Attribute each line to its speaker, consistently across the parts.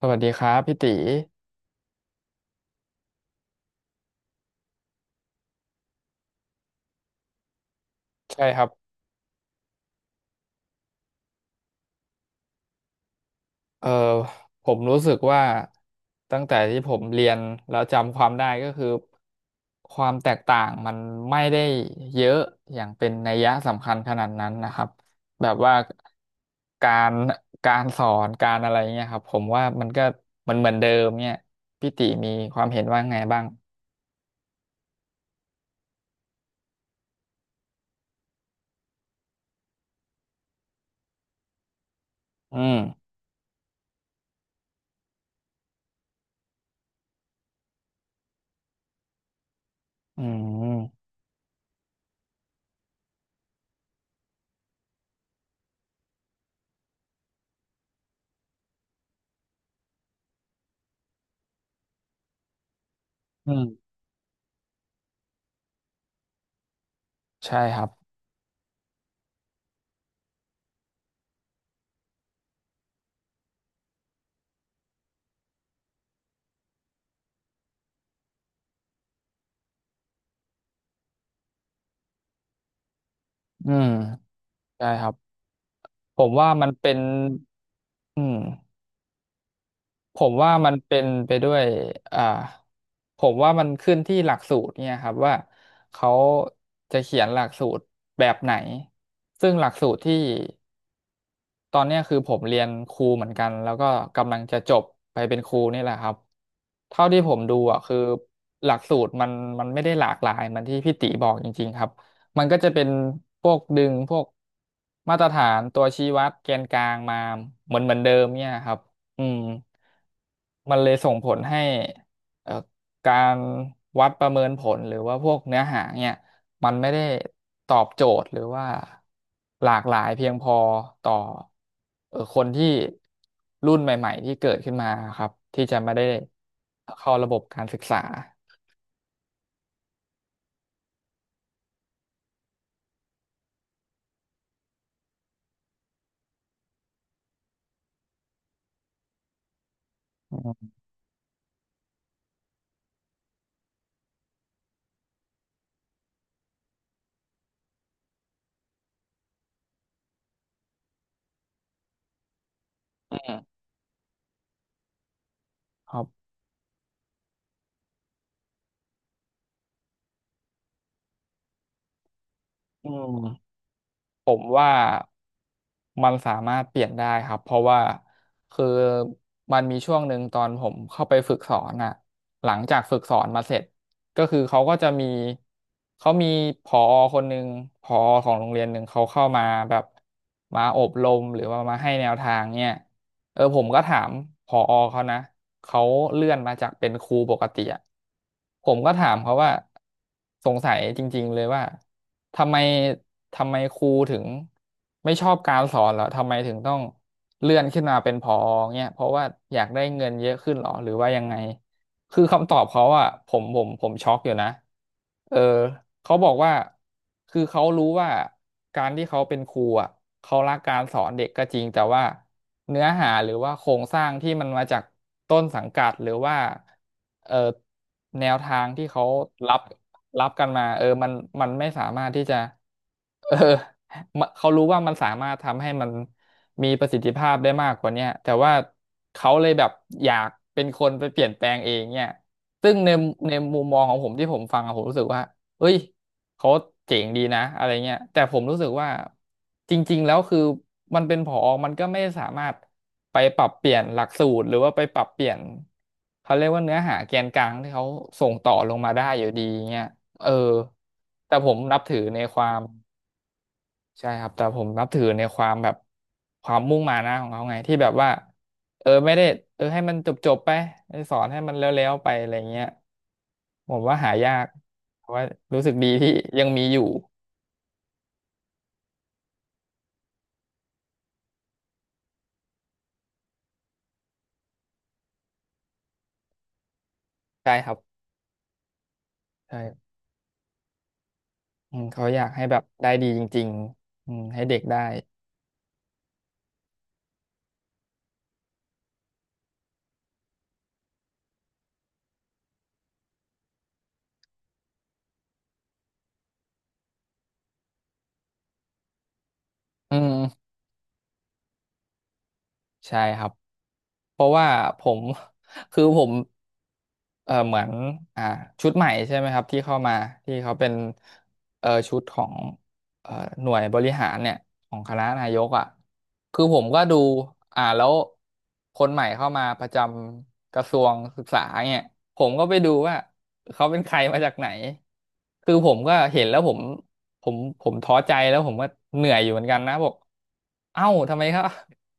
Speaker 1: สวัสดีครับพี่ตีใช่ครับเอ่อผมรู้สึกว่าตั้งแต่ที่ผมเรียนแล้วจำความได้ก็คือความแตกต่างมันไม่ได้เยอะอย่างเป็นนัยยะสำคัญขนาดนั้นนะครับแบบว่าการการสอนการอะไรเงี้ยครับผมว่ามันก็เหมือนเดิมเนี่ยพี่ตีมีความเห็นว่าไงบ้างอืมอืมอืมใช่ครับอืมใช่ครับผมว่ามันเป็นอืม ผมว่ามันเป็นไปด้วยอ่าผมว่ามันขึ้นที่หลักสูตรเนี่ยครับว่าเขาจะเขียนหลักสูตรแบบไหนซึ่งหลักสูตรที่ ตอนเนี้ยคือผมเรียนครูเหมือนกันแล้วก็กำลังจะจบไปเป็นครูนี่แหละครับเท่าที่ผมดูอ่ะคือหลักสูตรมันไม่ได้หลากหลายเหมันที่พี่ติบอกจริงๆครับมันก็จะเป็นพวกดึงพวกมาตรฐานตัวชี้วัดแกนกลางมาเหมือนเดิมเนี่ยครับอืมมันเลยส่งผลให้เอ่อการวัดประเมินผลหรือว่าพวกเนื้อหาเนี่ย มันไม่ได้ตอบโจทย์หรือว่าหลากหลายเพียงพอต่อคนที่รุ่นใหม่ๆที่เกิดขึ้นมาครับที่จะไม่ได้เข้าระบบการศึกษาอืมอืมครับอืม ผมว่ามันสามารถเปลี่ยนได้ครับเพราะว่าคือมันมีช่วงหนึ่งตอนผมเข้าไปฝึกสอนอ่ะหลังจากฝึกสอนมาเสร็จก็คือเขาก็จะมีเขามีผอคนหนึ่งผอของโรงเรียนหนึ่งเขาเข้ามาแบบมาอบรมหรือว่ามาให้แนวทางเนี่ยผมก็ถามผอเขานะเขาเลื่อนมาจากเป็นครูปกติอะผมก็ถามเขาว่าสงสัยจริงๆเลยว่า ทำไมทำไมครูถึงไม่ชอบการสอนเหรอทำไมถึงต้องเลื่อนขึ้นมาเป็นผอเงี้ยเพราะว่าอยากได้เงินเยอะขึ้นเหรอหรือว่ายังไง คือคำตอบเขาอ่ะผมช็อกอยู่นะเออเขาบอกว่าคือเขารู้ว่าการที่เขาเป็นครูอ่ะเขารักการสอนเด็กก็จริงแต่ว่าเนื้อหาหรือว่าโครงสร้างที่มันมาจากต้นสังกัดหรือว่าเออแนวทางที่เขารับรับกันมามันไม่สามารถที่จะเออ มะเขารู้ว่ามันสามารถทำให้มัน มีประสิทธิภาพได้มากกว่าเนี้ยแต่ว่าเขาเลยแบบอยากเป็นคนไปเปลี่ยนแปลงเองเนี่ยซึ่งในมุมมองของผมที่ผมฟังอะผมรู้สึกว่าเอ้ยเขาเจ๋งดีนะอะไรเงี้ยแต่ผมรู้สึกว่าจริงๆแล้วคือมันเป็นผอมันก็ไม่สามารถไปปรับเปลี่ยนหลักสูตรหรือว่าไปปรับเปลี่ยนเขาเรียกว่าเนื้อหาแกนกลางที่เขาส่งต่อลงมาได้อยู่ดีเงี้ยเออแต่ผมนับถือในความ ใช่ครับแต่ผมนับถือในความแบบความมุ่งมานะของเขาไงที่แบบว่าไม่ได้ให้มันจบจบไปสอนให้มันแล้วๆไปอะไรเงี้ยผมว่าหายากแต่ว่ารู้สึกดีที่ยังมีอยู่ใช่ครับใช่อืมเขาอยากให้แบบได้ดีจริงๆอืมให้เด็กได้อืมใช่ครับ เพราะว่าผม คือผมเหมือนอ่าชุดใหม่ใช่ไหมครับที่เข้ามาที่เขาเป็นชุดของเออหน่วยบริหารเนี่ยของคณะนายกอ่ะคือผมก็ดูแล้วคนใหม่เข้ามาประจำกระทรวงศึกษาเนี่ยผมก็ไปดูว่าเขาเป็นใครมาจากไหนคือผมก็เห็นแล้วผมผมท้อใจแล้วผมก็เหนื่อยอยู่เหมือนกันนะบอกเอ้าทำไมครับ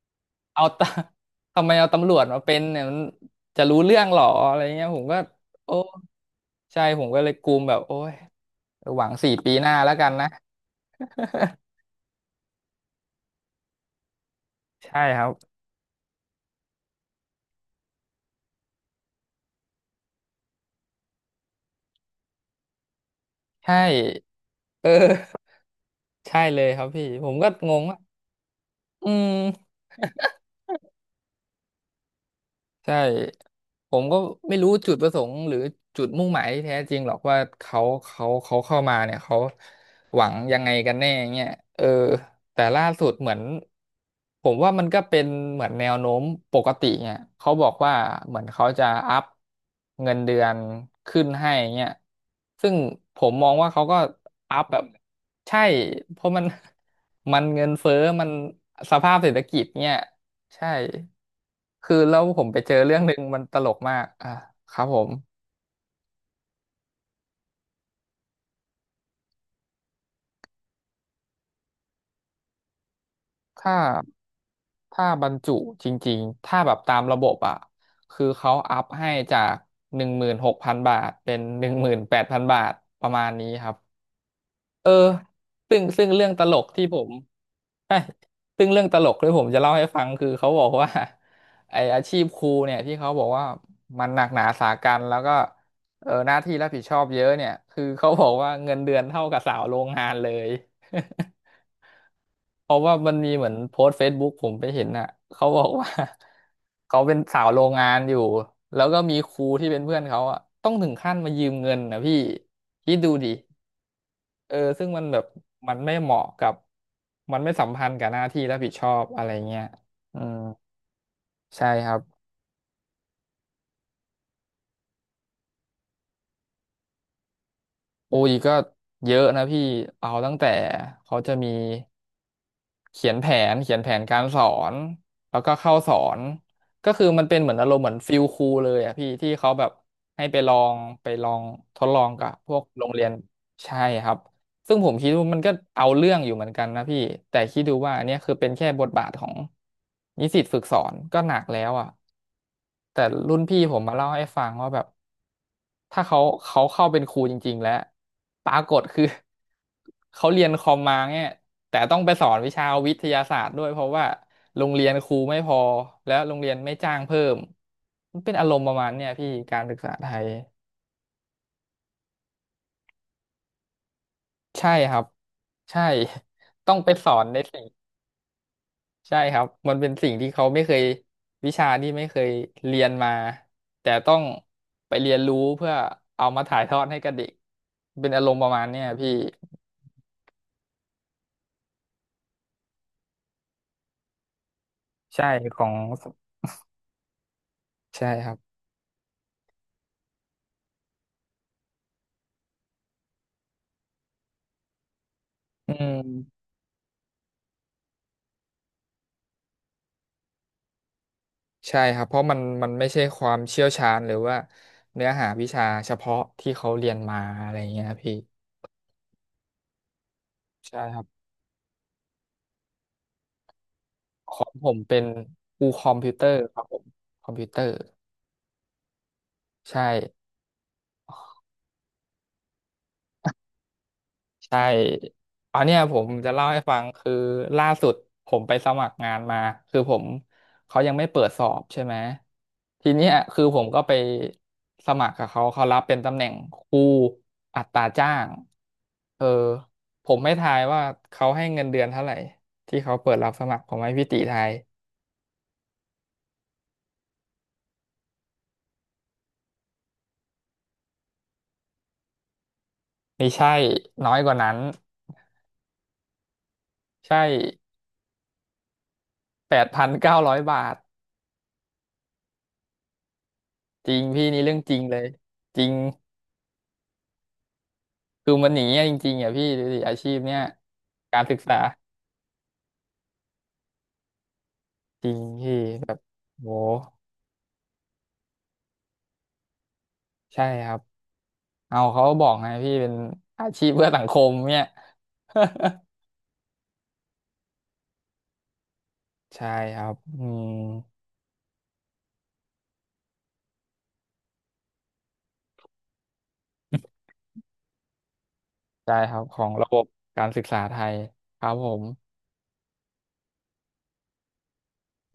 Speaker 1: เอาตา ทำไมเอาตำรวจมาเป็นเนี่ยมันจะรู้เรื่องหรออะไรเงี้ยผมก็โอ้ใช่ผมก็เลยกลุมแบบโอ้ยหวัง4 ปีหน้าแล้วกันนะ ใช่ครับใช่เออใช่เลยครับพี่ผมก็งงว่าอืม ใช่ผมก็ไม่รู้จุดประสงค์หรือจุดมุ่งหมายที่แท้จริงหรอกว่าเขาเข้ามาเนี่ยเขาหวังยังไงกันแน่เงี้ยเออแต่ล่าสุดเหมือนผมว่ามันก็เป็นเหมือนแนวโน้มปกติเนี่ยเขาบอกว่าเหมือนเขาจะอัพเงินเดือนขึ้นให้เงี้ยซึ่งผมมองว่าเขาก็อัพแบบใช่เพราะมันเงินเฟ้อมันสภาพเศรษฐกิจเนี่ย ใช่ คือแล้วผมไปเจอเรื่องหนึ่งมันตลกมากอ่ะครับผม ถ้าถ้าบรรจุจริงๆ ถ้าแบบตามระบบอ่ะ คือเขาอัพให้จาก16,000 บาทเป็น18,000 บาทประมาณนี้ครับ เออซึ่งเรื่องตลกที่ผม เช้ยซึ่งเรื่องตลกที่ผมจะเล่าให้ฟังคือเขาบอกว่าไออาชีพครูเนี่ยที่เขาบอกว่ามันหนักหนาสาหัสแล้วก็หน้าที่รับผิดชอบเยอะเนี่ยคือเขาบอกว่าเงินเดือนเท่ากับสาวโรงงานเลย เพราะว่ามันมีเหมือนโพสต์เฟซบุ๊กผมไปเห็นน่ะเขาบอกว่า เขาเป็นสาวโรงงานอยู่แล้วก็มีครูที่เป็นเพื่อนเขาอะต้องถึงขั้นมายืมเงินนะพี่คิดดูดิ ซึ่งมันแบบ มันไม่เหมาะกับ มันไม่สัมพันธ์กับหน้าที่รับผิดชอบอะไรเงี้ยอืมใช่ครับ โอ้ยก็เยอะนะพี่เอาตั้งแต่เขาจะมีเขียนแผนเขียนแผนการสอนแล้วก็เข้าสอนก็คือมันเป็นเหมือนอารมณ์เหมือนฟิลครูเลยอะพี่ที่เขาแบบให้ไปลองทดลองกับพวกโรงเรียนใช่ครับซึ่งผมคิดว่ามันก็เอาเรื่องอยู่เหมือนกันนะพี่แต่คิดดูว่าอันเนี้ยคือเป็นแค่บทบาทของนิสิตฝึกสอนก็หนักแล้วอะ แต่รุ่นพี่ผมมาเล่าให้ฟังว่าแบบถ้าเขาเข้าเป็นครูจริงๆแล้วปรากฏคือ เขาเรียนคอมมาเนี่ยแต่ต้องไปสอนวิชาวิทยาศาสตร์ด้วยเพราะว่าโรงเรียนครูไม่พอแล้วโรงเรียนไม่จ้างเพิ่มมันเป็นอารมณ์ประมาณเนี่ยพี่การศึกษาไทยใช่ครับใช่ ต้องไปสอนในสิ่ง ใช่ครับมันเป็นสิ่งที่เขาไม่เคยวิชาที่ไม่เคยเรียนมาแต่ต้องไปเรียนรู้เพื่อเอามาถ่ายทอดให้กับเด็กเป็นอารมณ์ประมาณเนี้ยพี่ใช่ของใช่ครับอืมใช่ครับเพราะมันไม่ใช่ความเชี่ยวชาญหรือว่าเนื้อหาวิชาเฉพาะที่เขาเรียนมาอะไรเงี้ยครับพี่ใช่ครับของผมเป็นครูคอมพิวเตอร์ครับผมคอมพิวเตอร์ใช่ ใช่อันเนี้ยผมจะเล่าให้ฟังคือล่าสุดผมไปสมัครงานมาคือผมเขายังไม่เปิดสอบใช่ไหมทีเนี้ยคือผมก็ไปสมัครกับเขาเขารับเป็นตำแหน่งครูอัตราจ้างเออผมไม่ทายว่าเขาให้เงินเดือนเท่าไหร่ที่เขาเปิดรับสมัครผมให้พี่ติทายไม่ใช่น้อยกว่านั้นใช่8,900 บาทจริงพี่นี่เรื่องจริงเลยจริง คือมันอย่างเงี้ยจริงๆอ่ะพี่ดูดิอาชีพเนี้ยการศึกษาจริงพี่แบบโหใช่ครับ เอาเขาบอกไงพี่เป็นอาชีพเพื่อสังคมเนี่ย ใช่ครับอืมใช่ครับของระบบการศึกษาไทยครับผม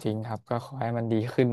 Speaker 1: จริงครับก็ขอให้มันดีขึ้น